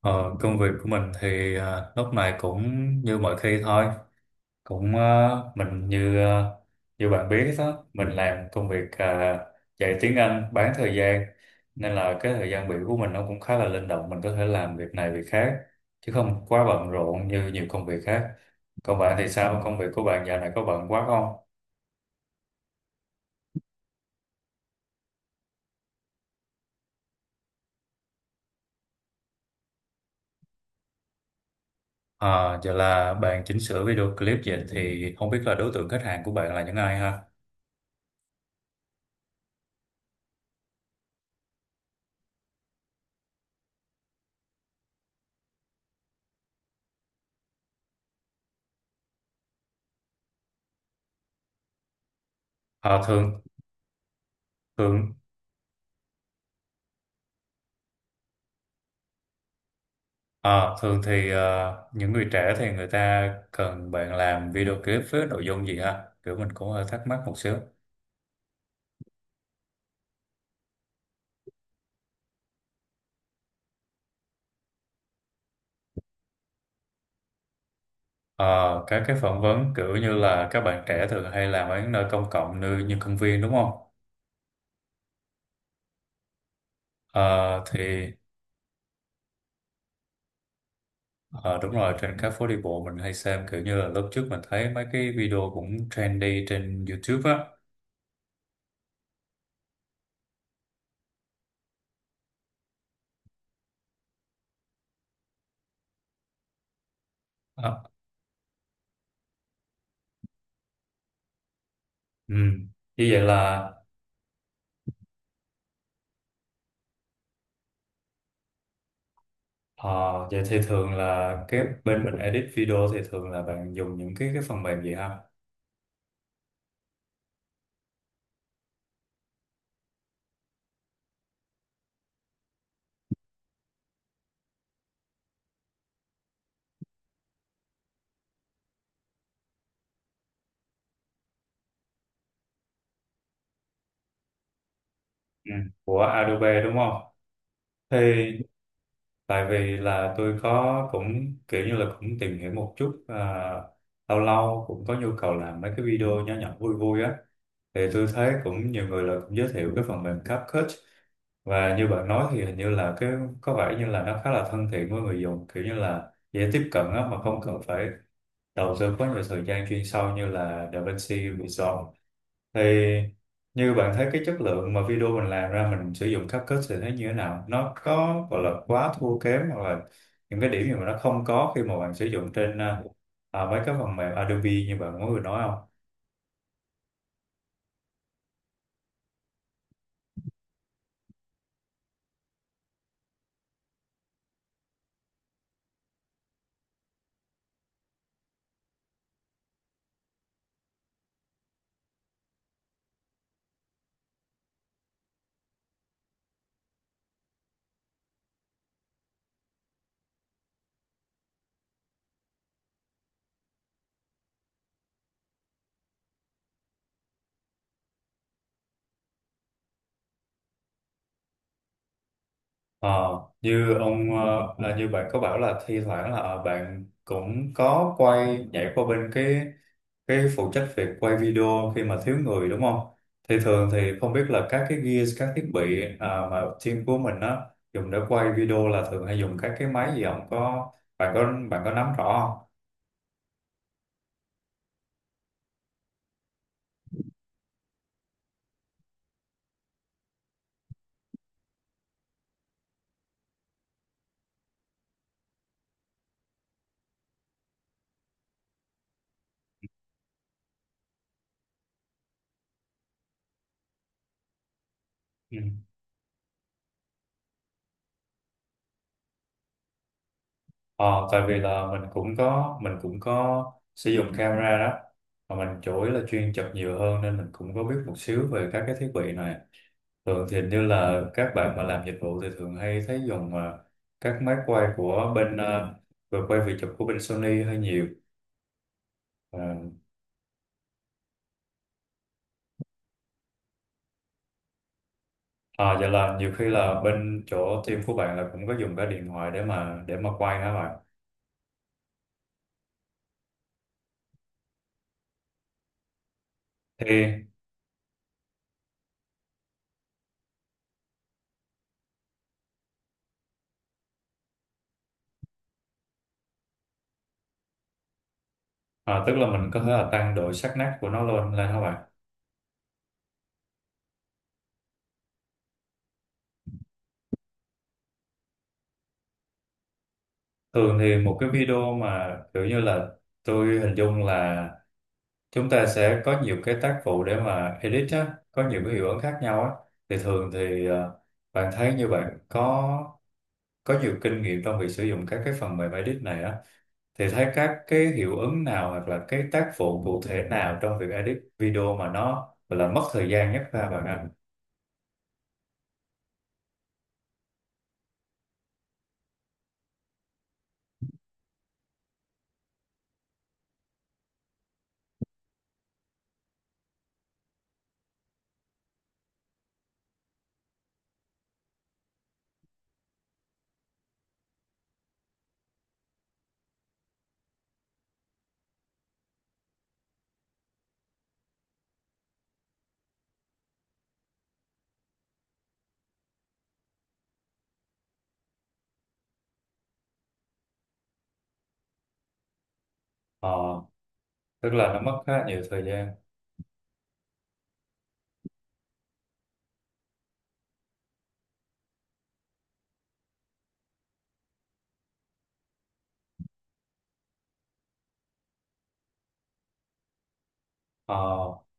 Ờ, Công việc của mình thì lúc này cũng như mọi khi thôi, cũng như bạn biết đó, mình làm công việc dạy tiếng Anh bán thời gian, nên là cái thời gian biểu của mình nó cũng khá là linh động, mình có thể làm việc này việc khác chứ không quá bận rộn như nhiều công việc khác. Còn bạn thì sao, công việc của bạn dạo này có bận quá không? Giờ là bạn chỉnh sửa video clip, vậy thì không biết là đối tượng khách hàng của bạn là những ai ha? À, thường thường Ờ, thường thì những người trẻ thì người ta cần bạn làm video clip với nội dung gì ha? Kiểu mình cũng hơi thắc mắc một xíu. Ờ, các cái phỏng vấn kiểu như là các bạn trẻ thường hay làm ở những nơi công cộng như, như công viên đúng không? Ờ, thì ờ, đúng rồi, trên các phố đi bộ mình hay xem, kiểu như là lúc trước mình thấy mấy cái video cũng trendy trên YouTube á. Ờ, ừ. Như vậy là ờ, vậy thì thường là cái bên mình edit video thì thường là bạn dùng những cái phần mềm gì ha? Ừ, của Adobe đúng không? Thì tại vì là tôi có cũng kiểu như là cũng tìm hiểu một chút, lâu lâu cũng có nhu cầu làm mấy cái video nhỏ nhỏ vui vui á, thì tôi thấy cũng nhiều người là cũng giới thiệu cái phần mềm CapCut. Và như bạn nói thì hình như là cái có vẻ như là nó khá là thân thiện với người dùng, kiểu như là dễ tiếp cận á, mà không cần phải đầu tư quá nhiều thời gian chuyên sâu như là DaVinci Resolve. Thì như bạn thấy cái chất lượng mà video mình làm ra mình sử dụng CapCut thì thấy như thế nào, nó có gọi là quá thua kém hoặc là những cái điểm gì mà nó không có khi mà bạn sử dụng trên mấy cái phần mềm Adobe như bạn mới vừa nói không? Ờ, như ông ờ, à, như bạn có bảo là thi thoảng là bạn cũng có quay nhảy qua bên cái phụ trách việc quay video khi mà thiếu người đúng không? Thì thường thì không biết là các cái gear, các thiết bị mà team của mình á dùng để quay video là thường hay dùng các cái máy gì không? Có bạn có bạn có nắm rõ không? Ừ. Ờ, tại vì là mình cũng có sử dụng camera đó, mà mình chủ yếu là chuyên chụp nhiều hơn nên mình cũng có biết một xíu về các cái thiết bị này. Thường thì hình như là các bạn mà làm dịch vụ thì thường hay thấy dùng, các máy quay của bên về quay video chụp của bên Sony hơi nhiều. À, à, vậy là nhiều khi là bên chỗ team của bạn là cũng có dùng cái điện thoại để mà quay hả bạn? Thì tức là mình có thể là tăng độ sắc nét của nó lên lên hả bạn? Thường thì một cái video mà kiểu như là tôi hình dung là chúng ta sẽ có nhiều cái tác vụ để mà edit á, có nhiều cái hiệu ứng khác nhau á. Thì thường thì bạn thấy như bạn có nhiều kinh nghiệm trong việc sử dụng các cái phần mềm edit này á, thì thấy các cái hiệu ứng nào hoặc là cái tác vụ cụ thể nào trong việc edit video mà nó gọi là mất thời gian nhất ra bạn ạ? Ờ, tức là nó mất khá nhiều thời gian. Ờ,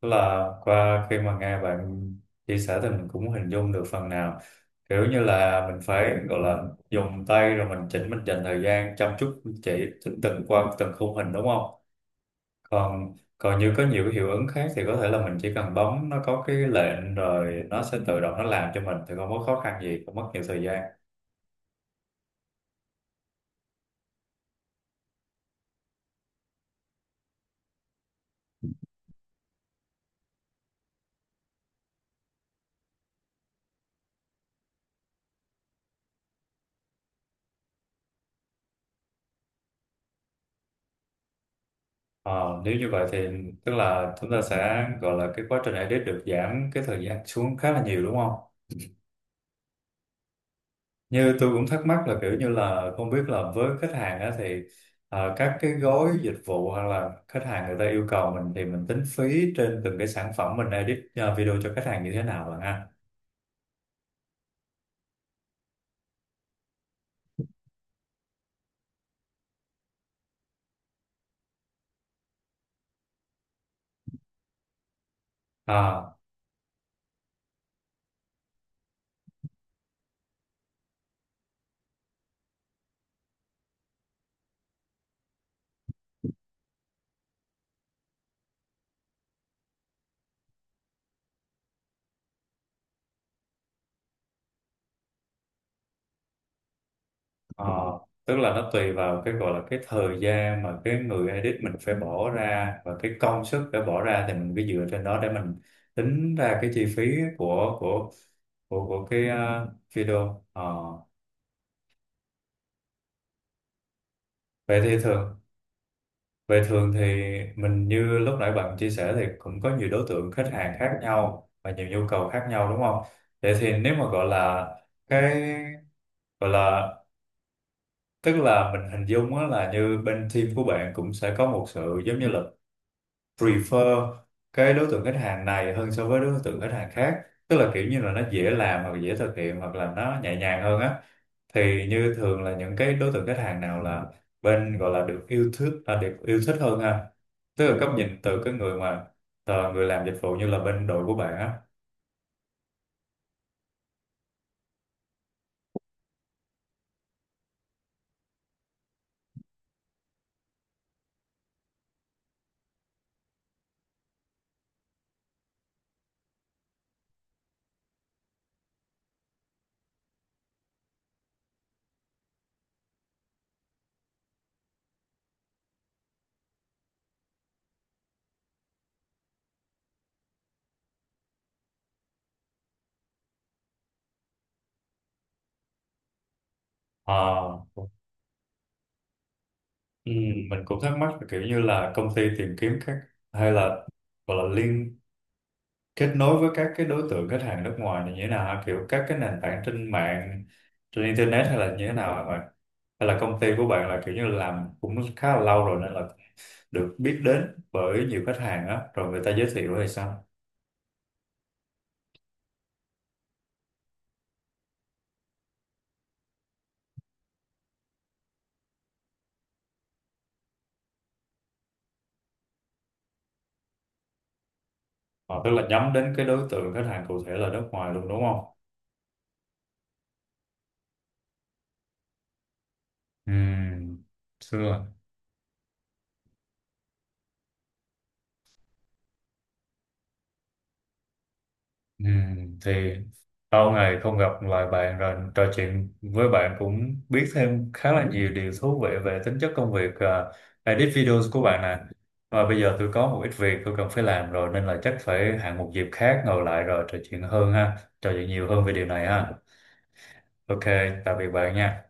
tức là qua khi mà nghe bạn chia sẻ thì mình cũng hình dung được phần nào, kiểu như là mình phải gọi là dùng tay rồi mình chỉnh, mình dành thời gian chăm chút chỉ từng từng qua từng khung hình đúng không? Còn còn như có nhiều hiệu ứng khác thì có thể là mình chỉ cần bấm nó có cái lệnh rồi nó sẽ tự động nó làm cho mình, thì không có khó khăn gì, không mất nhiều thời gian. Ờ, nếu như vậy thì tức là chúng ta sẽ gọi là cái quá trình edit được giảm cái thời gian xuống khá là nhiều đúng không? Như tôi cũng thắc mắc là kiểu như là không biết là với khách hàng á thì các cái gói dịch vụ hoặc là khách hàng người ta yêu cầu mình, thì mình tính phí trên từng cái sản phẩm mình edit video cho khách hàng như thế nào bạn ha? À, Ờ, tức là nó tùy vào cái gọi là cái thời gian mà cái người edit mình phải bỏ ra và cái công sức phải bỏ ra, thì mình cứ dựa trên đó để mình tính ra cái chi phí của của của cái video. Ờ, vậy thì thường, vậy thường thì mình như lúc nãy bạn chia sẻ thì cũng có nhiều đối tượng khách hàng khác nhau và nhiều nhu cầu khác nhau đúng không? Vậy thì nếu mà gọi là cái gọi là tức là mình hình dung á là như bên team của bạn cũng sẽ có một sự giống như là prefer cái đối tượng khách hàng này hơn so với đối tượng khách hàng khác, tức là kiểu như là nó dễ làm hoặc dễ thực hiện hoặc là nó nhẹ nhàng hơn á, thì như thường là những cái đối tượng khách hàng nào là bên gọi là được yêu thích hơn ha? Tức là góc nhìn từ cái người mà người làm dịch vụ như là bên đội của bạn á. Ờ, ừ, mình cũng thắc mắc là kiểu như là công ty tìm kiếm các hay là gọi là kết nối với các cái đối tượng khách hàng nước ngoài này như thế nào hả? Kiểu các cái nền tảng trên mạng, trên internet hay là như thế nào hả bạn? Hay là công ty của bạn là kiểu như làm cũng khá là lâu rồi nên là được biết đến bởi nhiều khách hàng á rồi người ta giới thiệu hay sao? Ờ, tức là nhắm đến cái đối tượng khách hàng cụ thể là nước ngoài luôn đúng không? Ừ, xưa. Ừ, thì lâu ngày không gặp, lại bạn rồi trò chuyện với bạn cũng biết thêm khá là nhiều điều thú vị về tính chất công việc edit videos của bạn nè. Và bây giờ tôi có một ít việc tôi cần phải làm rồi, nên là chắc phải hẹn một dịp khác ngồi lại rồi trò chuyện hơn ha, trò chuyện nhiều hơn về điều này ha. Ok, tạm biệt bạn nha.